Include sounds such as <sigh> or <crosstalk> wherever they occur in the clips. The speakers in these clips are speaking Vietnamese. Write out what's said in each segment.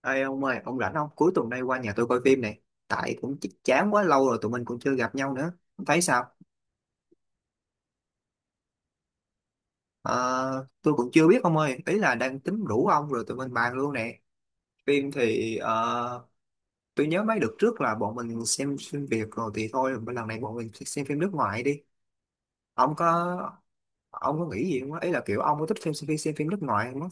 Ê ông ơi, ông rảnh không? Cuối tuần này qua nhà tôi coi phim này. Tại cũng chán quá lâu rồi tụi mình cũng chưa gặp nhau nữa. Ông thấy sao? Ờ, tôi cũng chưa biết ông ơi. Ý là đang tính rủ ông rồi tụi mình bàn luôn nè. Phim thì tôi nhớ mấy đợt trước là bọn mình xem phim Việt rồi thì thôi. Lần này bọn mình xem phim nước ngoài đi. Ông có ông có nghĩ gì không, á? Ý là kiểu ông có thích xem phim nước ngoài không, á?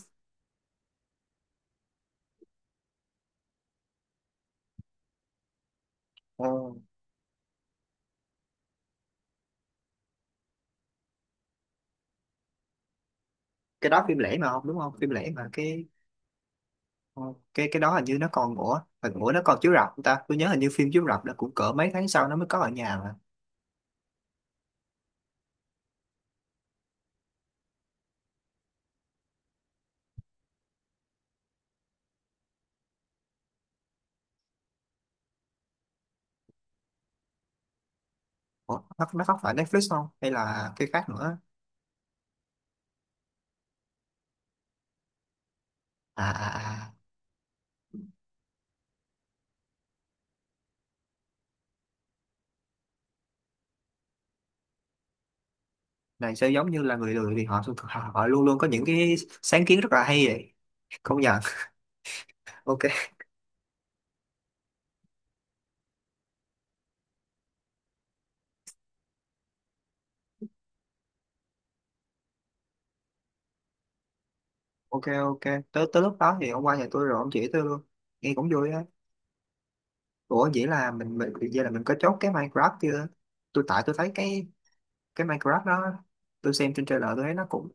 Ồ, cái đó phim lẻ mà, không đúng không? Phim lẻ mà cái Ờ, cái đó hình như nó còn, ủa nó còn chiếu rạp không ta, tôi nhớ hình như phim chiếu rạp nó cũng cỡ mấy tháng sau nó mới có ở nhà mà. Nó không phải Netflix không, hay là cái khác nữa? À à à à. Này sẽ giống như là người lười thì họ, <laughs> họ họ luôn luôn có những cái sáng kiến rất là hay vậy, công nhận. <laughs> Ok ok ok, tới tới lúc đó thì ông qua nhà tôi rồi ông chỉ tôi luôn, nghe cũng vui á. Ủa vậy là mình vậy là mình có chốt cái Minecraft chưa? Tôi thấy cái Minecraft đó, tôi xem trên trailer tôi thấy nó cũng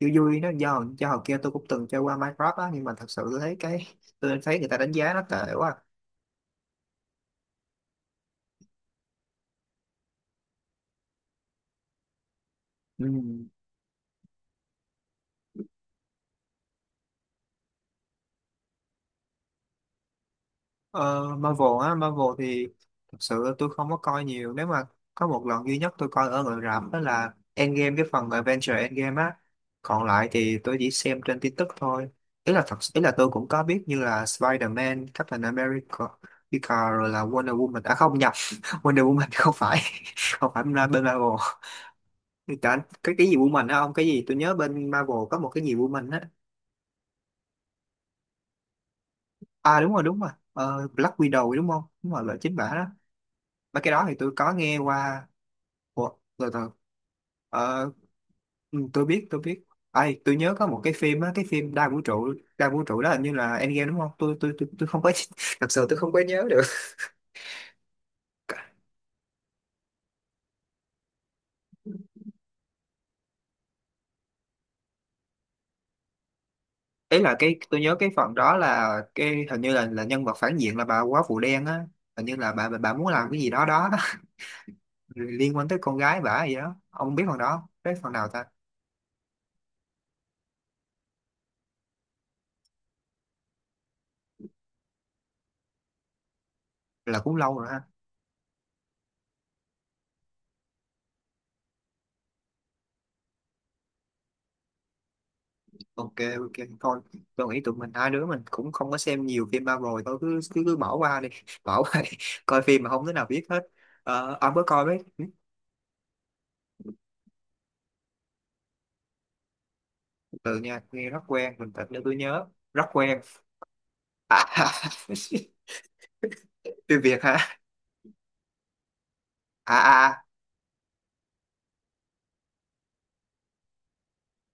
vui vui. Nó do hồi kia tôi cũng từng chơi qua Minecraft á, nhưng mà thật sự tôi thấy cái tôi thấy người ta đánh giá nó tệ quá. Ừ. ờ, Marvel á, Marvel thì thật sự tôi không có coi nhiều. Nếu mà có một lần duy nhất tôi coi ở ngoài rạp đó là Endgame, cái phần Avengers Endgame á, còn lại thì tôi chỉ xem trên tin tức thôi. Ý là thật ý là tôi cũng có biết như là Spider-Man, Captain America America, rồi là Wonder Woman, à không nhập <laughs> Wonder Woman không phải <laughs> không phải bên Marvel. Cả cái gì Woman á, ông cái gì tôi nhớ bên Marvel có một cái gì Woman á. À đúng rồi đúng rồi. Ờ, Black Widow đúng không, đúng rồi là chính bả đó, và cái đó thì tôi có nghe qua. Ủa, từ từ. Ờ, ừ, tôi biết ai tôi nhớ có một cái phim á, cái phim đa vũ trụ, đa vũ trụ đó hình như là Endgame đúng không. Tôi không có <laughs> thật sự tôi không có nhớ được. <laughs> Ấy là cái tôi nhớ cái phần đó là cái hình như là nhân vật phản diện là bà quá phụ đen á, hình như là bà muốn làm cái gì đó đó liên quan tới con gái bả gì đó. Ông biết phần đó không? Biết phần nào ta? Là cũng lâu rồi ha. Ok, ok thôi, tôi nghĩ tụi mình hai đứa mình cũng không có xem nhiều phim Marvel, thôi cứ cứ, cứ bỏ qua đi <laughs> bỏ qua đi. Coi phim mà không đứa nào biết hết. Ờ, ông có coi mấy từ nha nghe rất quen, mình thật để tôi nhớ, rất quen. À, <laughs> phim Việt hả? À, à à,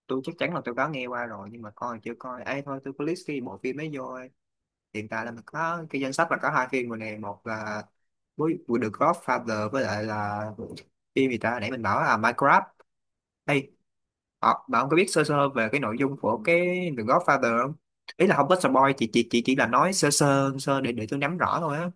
tôi chắc chắn là tôi có nghe qua rồi nhưng mà coi chưa coi ấy, thôi tôi có list cái bộ phim ấy vô ấy. Hiện tại là mình có cái danh sách là có hai phim rồi nè, một là với The Godfather, với lại là phim gì ta nãy mình bảo là Minecraft. Ê, họ bạn không có biết sơ sơ về cái nội dung của cái The Godfather không? Ý là không có spoil, chị chỉ là nói sơ sơ sơ để tôi nắm rõ thôi á.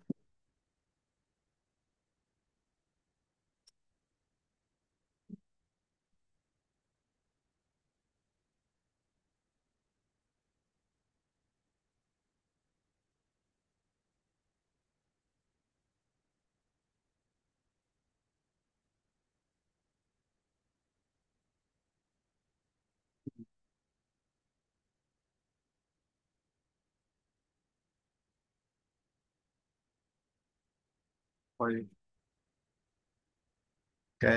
Ok ok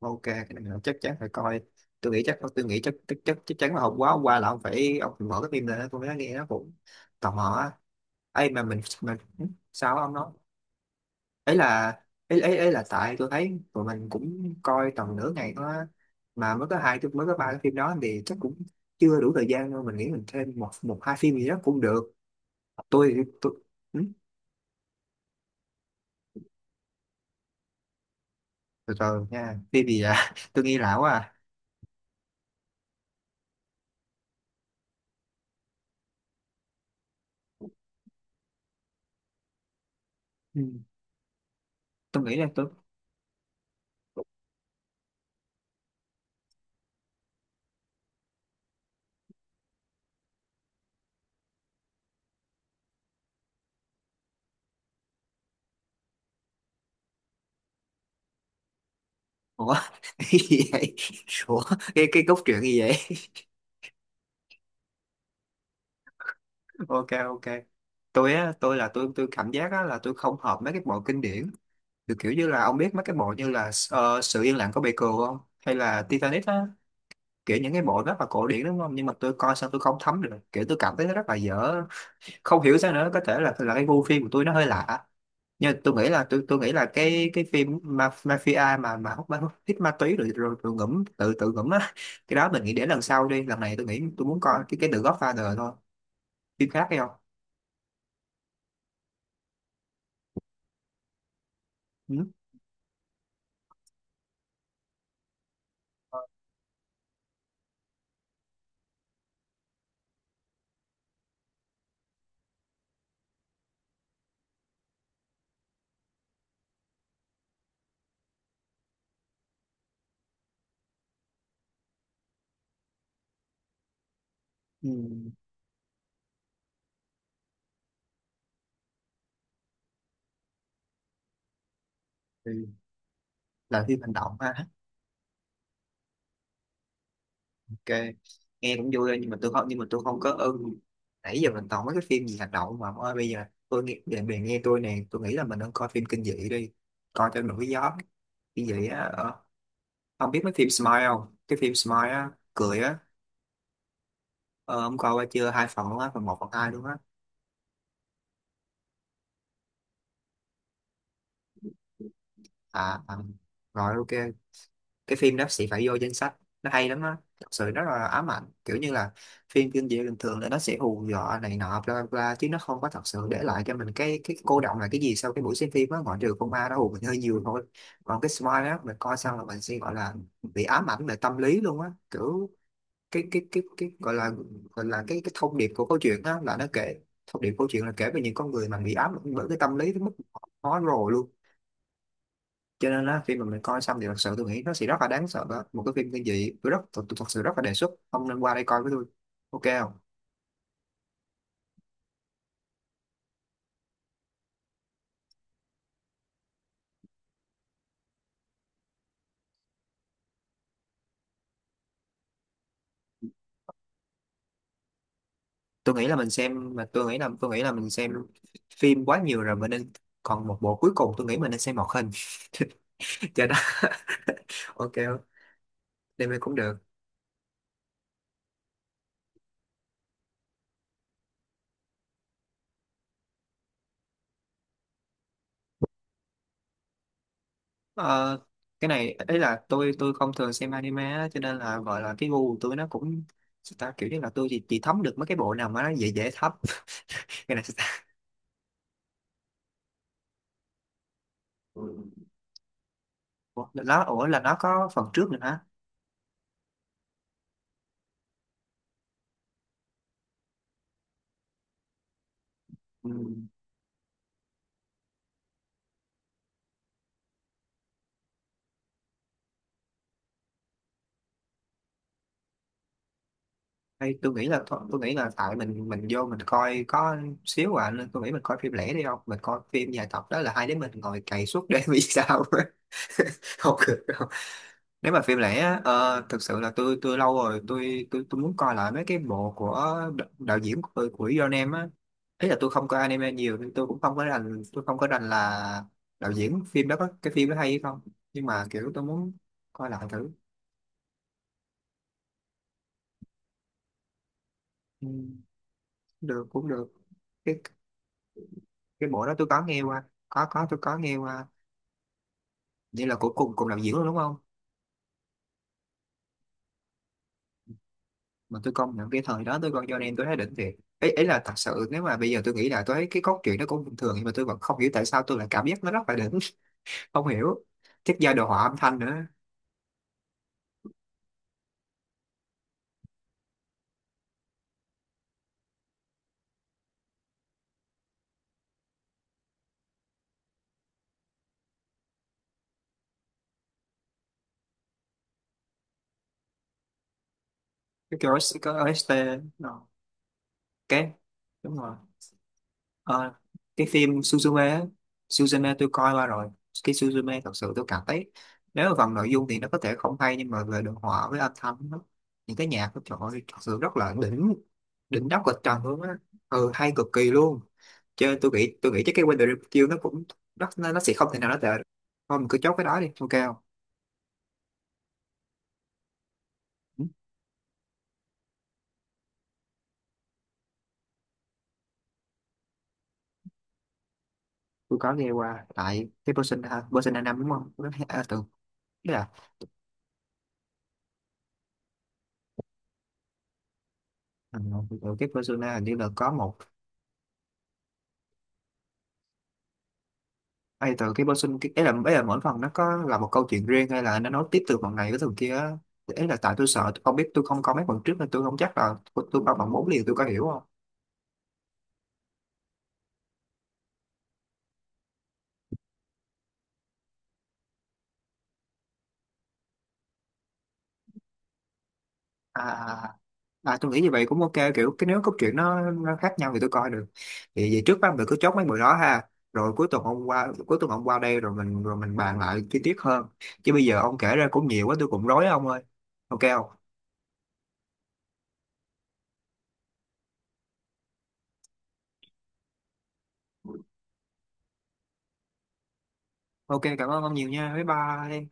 ok, cái này là chắc chắn phải coi. Tôi nghĩ chắc tôi nghĩ chắc chắc chắc chắc chắn là hôm qua là ông phải mở cái phim lên tôi mới nghe, nó cũng tò mò á. Ấy mà mình sao ông nói. Ấy là ấy là tại tôi thấy tụi mình cũng coi tầm nửa ngày thôi á. Mà mới có hai mới có ba cái phim đó thì chắc cũng chưa đủ thời gian đâu, mình nghĩ mình thêm một một hai phim gì đó cũng được. Tôi ừ, từ từ nha, phim gì vậy? <laughs> Tôi nghĩ lão à. Ừ, tôi nghĩ là tôi. Ủa <laughs> cái gì vậy? Ủa cái cốt truyện gì vậy? <laughs> Ok ok, tôi á tôi là tôi cảm giác á là tôi không hợp mấy cái bộ kinh điển, từ kiểu như là ông biết mấy cái bộ như là sự yên lặng của Baker không, hay là Titanic á, kiểu những cái bộ rất là cổ điển đúng không. Nhưng mà tôi coi sao tôi không thấm được, kiểu tôi cảm thấy nó rất là dở, không hiểu sao nữa, có thể là cái gu phim của tôi nó hơi lạ. Nhưng tôi nghĩ là cái phim ma, mafia mà hút ma hút hít ma túy rồi rồi ngủm tự tự ngủm á, <laughs> cái đó mình nghĩ để lần sau đi, lần này tôi nghĩ tôi muốn coi cái The Godfather thôi. Phim khác hay không? Ừ. Ờ, Ừ. Thì là phim hành động ha. Ok, nghe cũng vui thôi nhưng mà tôi không có ưng. Nãy giờ mình toàn mấy cái phim gì hành động mà ông ơi, bây giờ tôi nghe bạn bè nghe tôi nè, tôi nghĩ là mình nên coi phim kinh dị đi, coi cho nổi gió. Kinh dị á, ờ, ông biết mấy phim Smile không, cái phim Smile á, cười á. Ờ, ông coi qua chưa, hai phần luôn á, phần một phần hai luôn á. À, à rồi ok, cái phim đó sẽ phải vô danh sách, nó hay lắm á. Thật sự rất là ám ảnh, kiểu như là phim kinh dị bình thường là nó sẽ hù dọa này nọ bla bla bla, chứ nó không có thật sự để lại cho mình cái cô đọng là cái gì sau cái buổi xem phim á, ngoại trừ con ma nó hù mình hơi nhiều thôi. Còn cái smile á, mình coi xong là mình sẽ gọi là bị ám ảnh về tâm lý luôn á, kiểu cái gọi là cái thông điệp của câu chuyện á là nó kể, thông điệp câu chuyện là kể về những con người mà bị ám ảnh bởi cái tâm lý tới mức họ khó rồi luôn. Cho nên á khi mà mình coi xong thì thật sự tôi nghĩ nó sẽ rất là đáng sợ đó. Một cái phim kinh dị, tôi rất tôi thật sự rất là đề xuất ông nên qua đây coi với tôi, ok không? Tôi nghĩ là mình xem mà tôi nghĩ là mình xem phim quá nhiều rồi, mình nên còn một bộ cuối cùng tôi nghĩ mình nên xem một hình <laughs> cho đó. <laughs> Ok không? Anime cũng được. Ờ, cái này ấy là tôi không thường xem anime á, cho nên là gọi là cái gu của tôi nó cũng sao ta, kiểu như là tôi chỉ thấm được mấy cái bộ nào mà nó dễ dễ thấm. <laughs> Cái này sao ta? Ủa là nó có phần trước nữa hả? Ừ. Hay tôi nghĩ là tôi nghĩ là tại mình vô mình coi có xíu à, nên tôi nghĩ mình coi phim lẻ đi, không mình coi phim dài tập đó là hai đứa mình ngồi cày suốt đêm vì sao <laughs> không được đâu. Nếu mà phim lẻ á, ờ, thực sự là tôi lâu rồi tôi muốn coi lại mấy cái bộ của đạo diễn của John Em á. Ý là tôi không coi anime nhiều nên tôi cũng không có rành, là đạo diễn phim đó có cái phim đó hay hay không, nhưng mà kiểu tôi muốn coi lại thử. Ừ, được cũng được. cái cái bộ đó tôi có nghe qua, có tôi có nghe qua. Vậy là cuối cùng cùng đạo diễn luôn đúng không? Mà tôi công nhận cái thời đó tôi coi Johnny tôi thấy đỉnh thiệt, ấy ấy là thật sự nếu mà bây giờ tôi nghĩ lại tôi thấy cái cốt truyện nó cũng bình thường, nhưng mà tôi vẫn không hiểu tại sao tôi lại cảm giác nó rất là đỉnh. <laughs> Không hiểu, chắc do đồ họa âm thanh nữa. Cái OST, cái OST nó- cái đúng rồi. Ờ, cái phim Suzume á, Suzume tôi coi qua rồi. Cái Suzume thật sự tôi cảm thấy nếu mà phần nội dung thì nó có thể không hay, nhưng mà về đồ họa với âm thanh nó, những cái nhạc của trời ơi, thật sự rất là đỉnh, đỉnh đáp kịch trần luôn á. Ừ, hay cực kỳ luôn. Chứ tôi nghĩ chắc cái Wonder Review nó cũng nó sẽ không thể nào nó tệ được. Thôi mình cứ chốt cái đó đi, ok không? Ừ, tôi có nghe qua tại cái Persona, Persona 5 đúng không. Nó à, từ tức là ừ, từ cái Persona hình như là có một ai từ cái person cái ấy là mỗi phần nó có là một câu chuyện riêng, hay là nó nói tiếp từ phần này tới phần kia á. Ấy là tại tôi sợ tôi không biết tôi không coi mấy phần trước nên tôi không chắc là tôi bao phần bốn liền tôi có hiểu không. À à, tôi nghĩ như vậy cũng ok, kiểu cái nếu câu chuyện nó khác nhau thì tôi coi được. Vậy, vậy trước ba mình cứ chốt mấy bữa đó ha, rồi cuối tuần hôm qua đây rồi mình bàn lại chi tiết hơn. Chứ bây giờ ông kể ra cũng nhiều quá tôi cũng rối ông ơi, ok không? Ok, cảm ơn ông nhiều nha, bye bye.